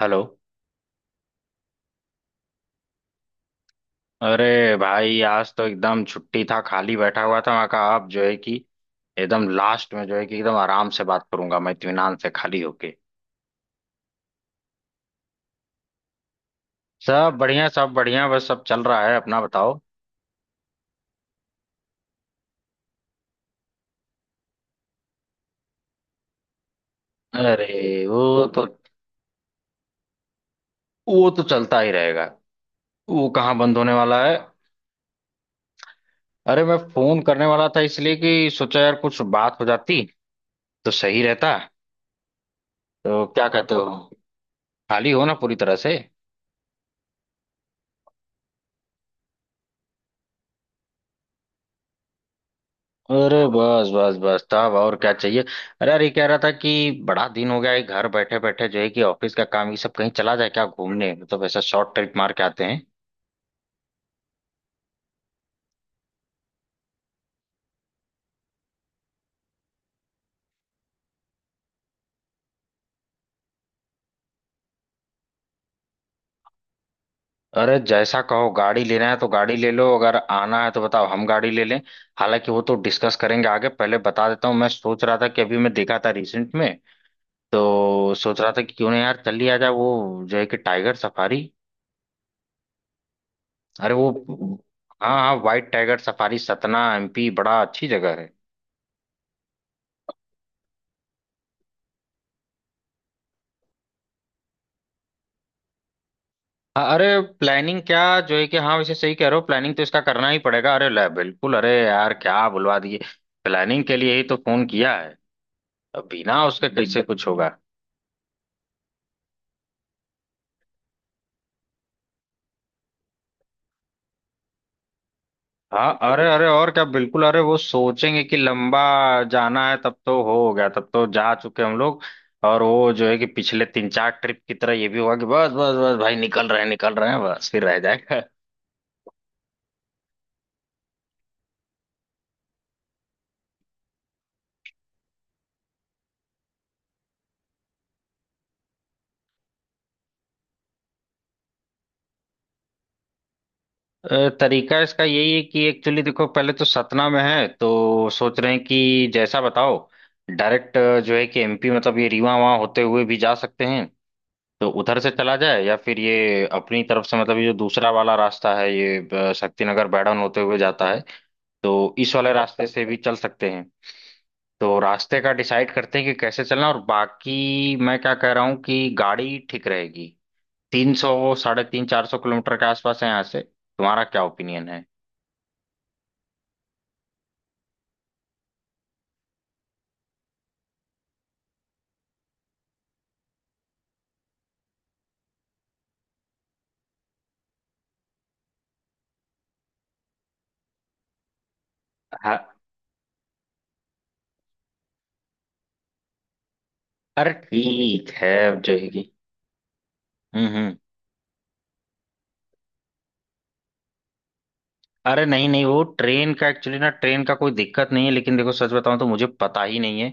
Hello. अरे भाई आज तो एकदम छुट्टी था, खाली बैठा हुआ था। मैं कहा आप जो है कि एकदम लास्ट में जो है कि एकदम आराम से बात करूंगा, मैं इत्मीनान से खाली होके। सब बढ़िया सब बढ़िया, बस सब चल रहा है, अपना बताओ। अरे वो तो, वो तो चलता ही रहेगा, वो कहाँ बंद होने वाला है। अरे मैं फोन करने वाला था, इसलिए कि सोचा यार कुछ बात हो जाती तो सही रहता। तो क्या कहते हो? खाली हो ना पूरी तरह से? अरे बस बस बस साहब, और क्या चाहिए। अरे अरे, कह रहा था कि बड़ा दिन हो गया है, घर बैठे बैठे जो है कि ऑफिस का काम, ये सब कहीं चला जाए क्या घूमने, मतलब ऐसा शॉर्ट ट्रिप मार के आते हैं। अरे जैसा कहो, गाड़ी लेना है तो गाड़ी ले लो, अगर आना है तो बताओ हम गाड़ी ले लें। हालांकि वो तो डिस्कस करेंगे आगे, पहले बता देता हूँ, मैं सोच रहा था कि अभी मैं देखा था रिसेंट में, तो सोच रहा था कि क्यों ना यार चल लिया जाए वो जो है कि टाइगर सफारी। अरे वो, हाँ हाँ white tiger safari, Satna MP, बड़ा अच्छी जगह है। अरे प्लानिंग क्या, जो है कि हाँ, वैसे सही कह रहे हो, प्लानिंग तो इसका करना ही पड़ेगा। अरे ले बिल्कुल, अरे यार क्या बुलवा दिए, प्लानिंग के लिए ही तो फोन किया है, अब बिना उसके कैसे कुछ होगा। हाँ अरे अरे और क्या बिल्कुल, अरे वो सोचेंगे कि लंबा जाना है, तब तो हो गया, तब तो जा चुके हम लोग। और वो जो है कि पिछले 3 4 ट्रिप की तरह ये भी होगा कि बस बस बस भाई निकल रहे हैं निकल रहे हैं, बस फिर रह जाएगा। तरीका इसका यही है कि एक्चुअली देखो, पहले तो सतना में है, तो सोच रहे हैं कि जैसा बताओ, डायरेक्ट जो है कि एमपी, मतलब ये रीवा वहाँ होते हुए भी जा सकते हैं, तो उधर से चला जाए, या फिर ये अपनी तरफ से, मतलब ये जो दूसरा वाला रास्ता है, ये शक्तिनगर बैडन होते हुए जाता है, तो इस वाले रास्ते से भी चल सकते हैं। तो रास्ते का डिसाइड करते हैं कि कैसे चलना, और बाकी मैं क्या कह रहा हूँ कि गाड़ी ठीक रहेगी। 300 साढ़े तीन 400 किलोमीटर के आसपास है यहाँ से, तुम्हारा क्या ओपिनियन है? हाँ। अरे ठीक है, अब जाएगी। हम्म। अरे नहीं नहीं, वो ट्रेन का एक्चुअली ना, ट्रेन का कोई दिक्कत नहीं है, लेकिन देखो सच बताऊं तो मुझे पता ही नहीं है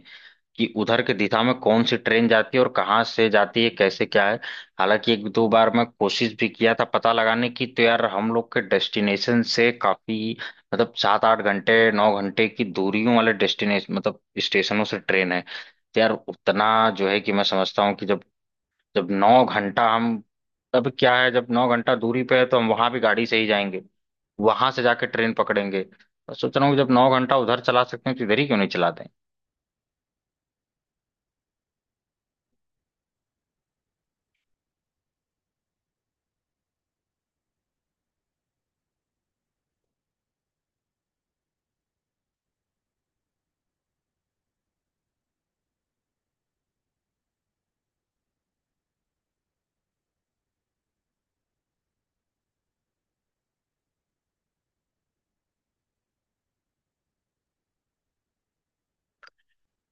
कि उधर के दिशा में कौन सी ट्रेन जाती है और कहाँ से जाती है, कैसे क्या है। हालांकि 1 2 बार मैं कोशिश भी किया था पता लगाने की, तो यार हम लोग के डेस्टिनेशन से काफी, मतलब 7 8 घंटे 9 घंटे की दूरियों वाले डेस्टिनेशन मतलब स्टेशनों से ट्रेन है। तो यार उतना जो है कि मैं समझता हूँ कि जब, जब 9 घंटा हम, तब क्या है, जब 9 घंटा दूरी पे है तो हम वहां भी गाड़ी से ही जाएंगे, वहां से जाके ट्रेन पकड़ेंगे, तो सोच रहा हूँ जब 9 घंटा उधर चला सकते हैं तो इधर ही क्यों नहीं चलाते।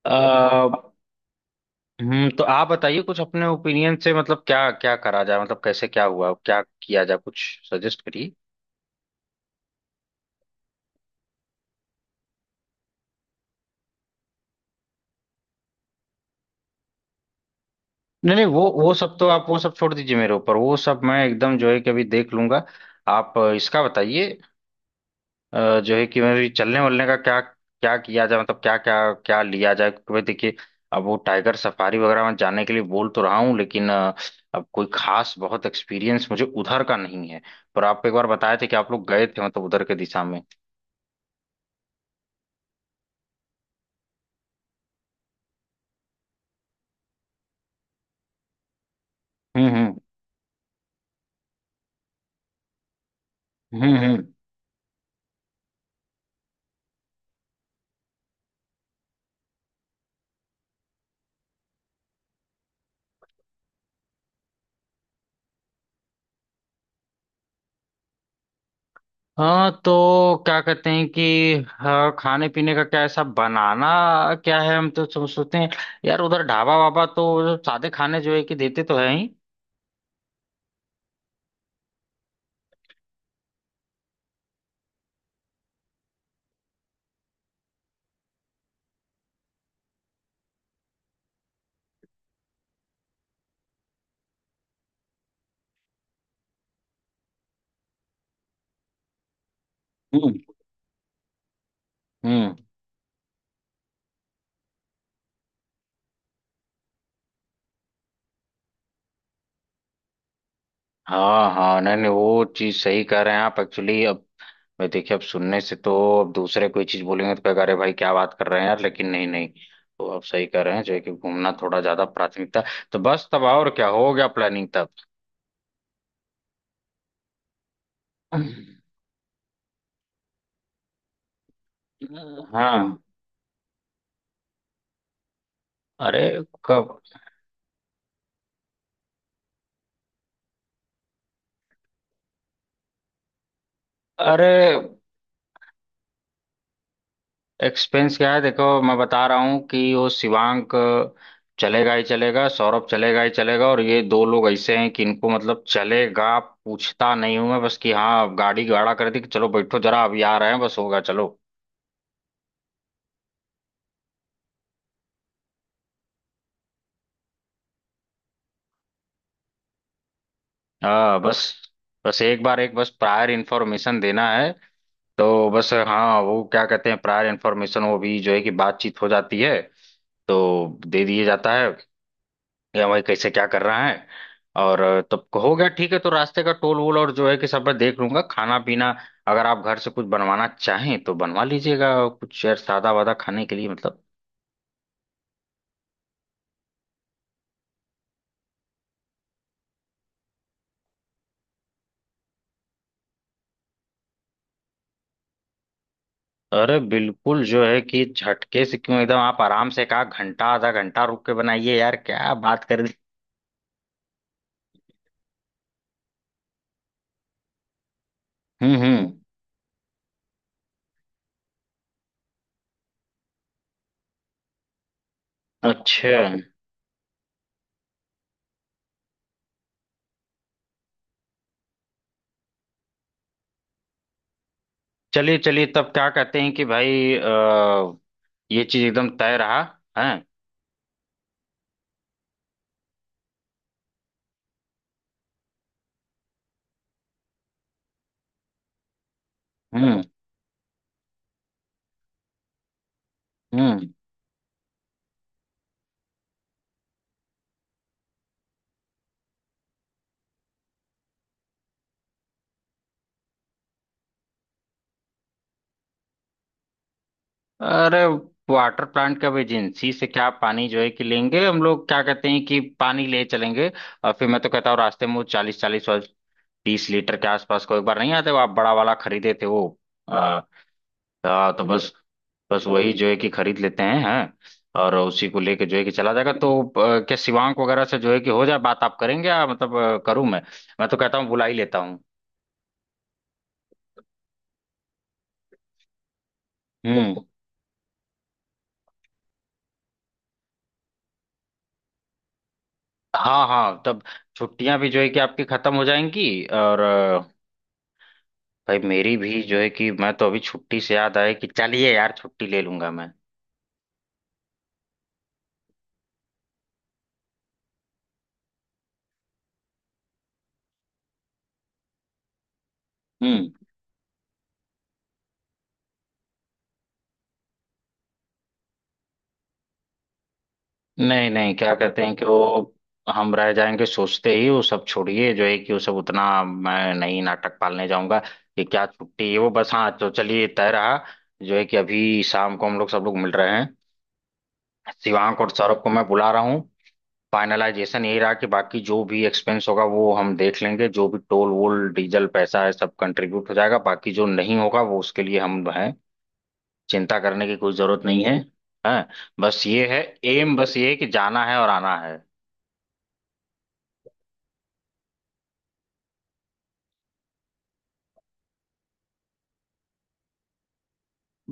आ, तो आप बताइए कुछ अपने ओपिनियन से, मतलब क्या क्या करा जाए, मतलब कैसे क्या हुआ, क्या किया जाए, कुछ सजेस्ट करिए। नहीं नहीं, वो सब तो आप वो सब छोड़ दीजिए मेरे ऊपर, वो सब मैं एकदम जो है कि अभी देख लूंगा, आप इसका बताइए। जो है कि मेरी चलने वलने का क्या क्या किया जाए, मतलब क्या क्या क्या लिया जाए, क्योंकि भाई देखिए, अब वो टाइगर सफारी वगैरह में जाने के लिए बोल तो रहा हूँ, लेकिन अब कोई खास बहुत एक्सपीरियंस मुझे उधर का नहीं है। पर आप एक बार बताए थे कि आप लोग गए थे, मतलब उधर के दिशा में। हम्म। हम्म हम्म। हाँ तो क्या कहते हैं कि, हाँ, खाने पीने का क्या ऐसा बनाना क्या है, हम तो सोचते हैं यार उधर ढाबा वाबा तो सादे खाने जो है कि देते तो है ही। हम्म हम्म। हाँ हाँ, नहीं नहीं, वो चीज सही कह रहे हैं आप, एक्चुअली अब मैं देखिए, अब सुनने से तो अब दूसरे कोई चीज बोलेंगे तो कहेगा अरे भाई क्या बात कर रहे हैं यार, लेकिन नहीं नहीं, तो आप सही कह रहे हैं जो है कि घूमना थोड़ा ज्यादा प्राथमिकता, तो बस, तब और क्या हो गया, प्लानिंग तब। हाँ। अरे कब? अरे एक्सपेंस क्या है, देखो मैं बता रहा हूँ कि वो शिवांक चलेगा ही चलेगा, सौरभ चलेगा ही चलेगा, और ये दो लोग ऐसे हैं कि इनको मतलब चलेगा पूछता नहीं हूं मैं, बस कि हाँ अब गाड़ी गाड़ा कर दी कि चलो बैठो जरा अभी आ रहे हैं, बस होगा, चलो। हाँ बस, बस एक बार, एक बस प्रायर इन्फॉर्मेशन देना है, तो बस, हाँ वो क्या कहते हैं प्रायर इन्फॉर्मेशन वो भी जो है कि बातचीत हो जाती है तो दे दिए जाता है, या वही कैसे क्या कर रहा है। और तब हो गया ठीक है, तो रास्ते का टोल वोल और जो है कि सब मैं देख लूंगा, खाना पीना अगर आप घर से कुछ बनवाना चाहें तो बनवा लीजिएगा, और कुछ यार सादा वादा खाने के लिए मतलब। अरे बिल्कुल जो है कि झटके से क्यों, एकदम आप आराम से, कहा घंटा आधा घंटा रुक के बनाइए, यार क्या बात कर दी। हम्म। अच्छा, चलिए चलिए, तब क्या कहते हैं कि भाई ये चीज एकदम तय रहा है। हम्म हम्म। अरे वाटर प्लांट का भी एजेंसी से क्या, पानी जो है कि लेंगे हम लोग, क्या कहते हैं कि पानी ले चलेंगे, और फिर मैं तो कहता हूँ रास्ते में वो 40 40 और 30 लीटर के आसपास को एक बार नहीं आते वो, आप बड़ा वाला खरीदे थे वो। आ, आ, तो बस, बस वही जो है कि खरीद लेते हैं, और उसी को लेके जो है कि चला जाएगा। तो क्या शिवांक वगैरह से जो है कि हो जाए बात, आप करेंगे या मतलब करूं मैं? मैं तो कहता हूँ बुला ही लेता हूँ। हम्म। हाँ हाँ, तब छुट्टियां भी जो है कि आपकी खत्म हो जाएंगी, और भाई मेरी भी, जो है कि मैं तो अभी छुट्टी से याद आया कि चलिए यार छुट्टी ले लूंगा मैं। हम्म। नहीं नहीं, क्या कहते हैं कि वो, हम रह जाएंगे सोचते ही, वो सब छोड़िए, जो है कि वो सब उतना मैं नहीं नाटक पालने जाऊंगा कि क्या छुट्टी है वो, बस हाँ तो चलिए, तय रहा जो है कि अभी शाम को हम लोग सब लोग मिल रहे हैं, शिवांक और सौरभ को मैं बुला रहा हूँ। फाइनलाइजेशन यही रहा कि बाकी जो भी एक्सपेंस होगा वो हम देख लेंगे, जो भी टोल वोल डीजल पैसा है सब कंट्रीब्यूट हो जाएगा, बाकी जो नहीं होगा वो उसके लिए हम हैं, चिंता करने की कोई जरूरत नहीं है। हाँ, बस ये है। एम बस ये है कि जाना है और आना है।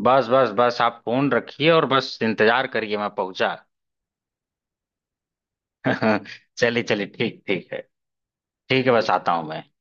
बस बस बस, आप फोन रखिए और बस इंतजार करिए, मैं पहुंचा। चलिए चलिए, ठीक, ठीक है। ठीक है, बस आता हूँ मैं।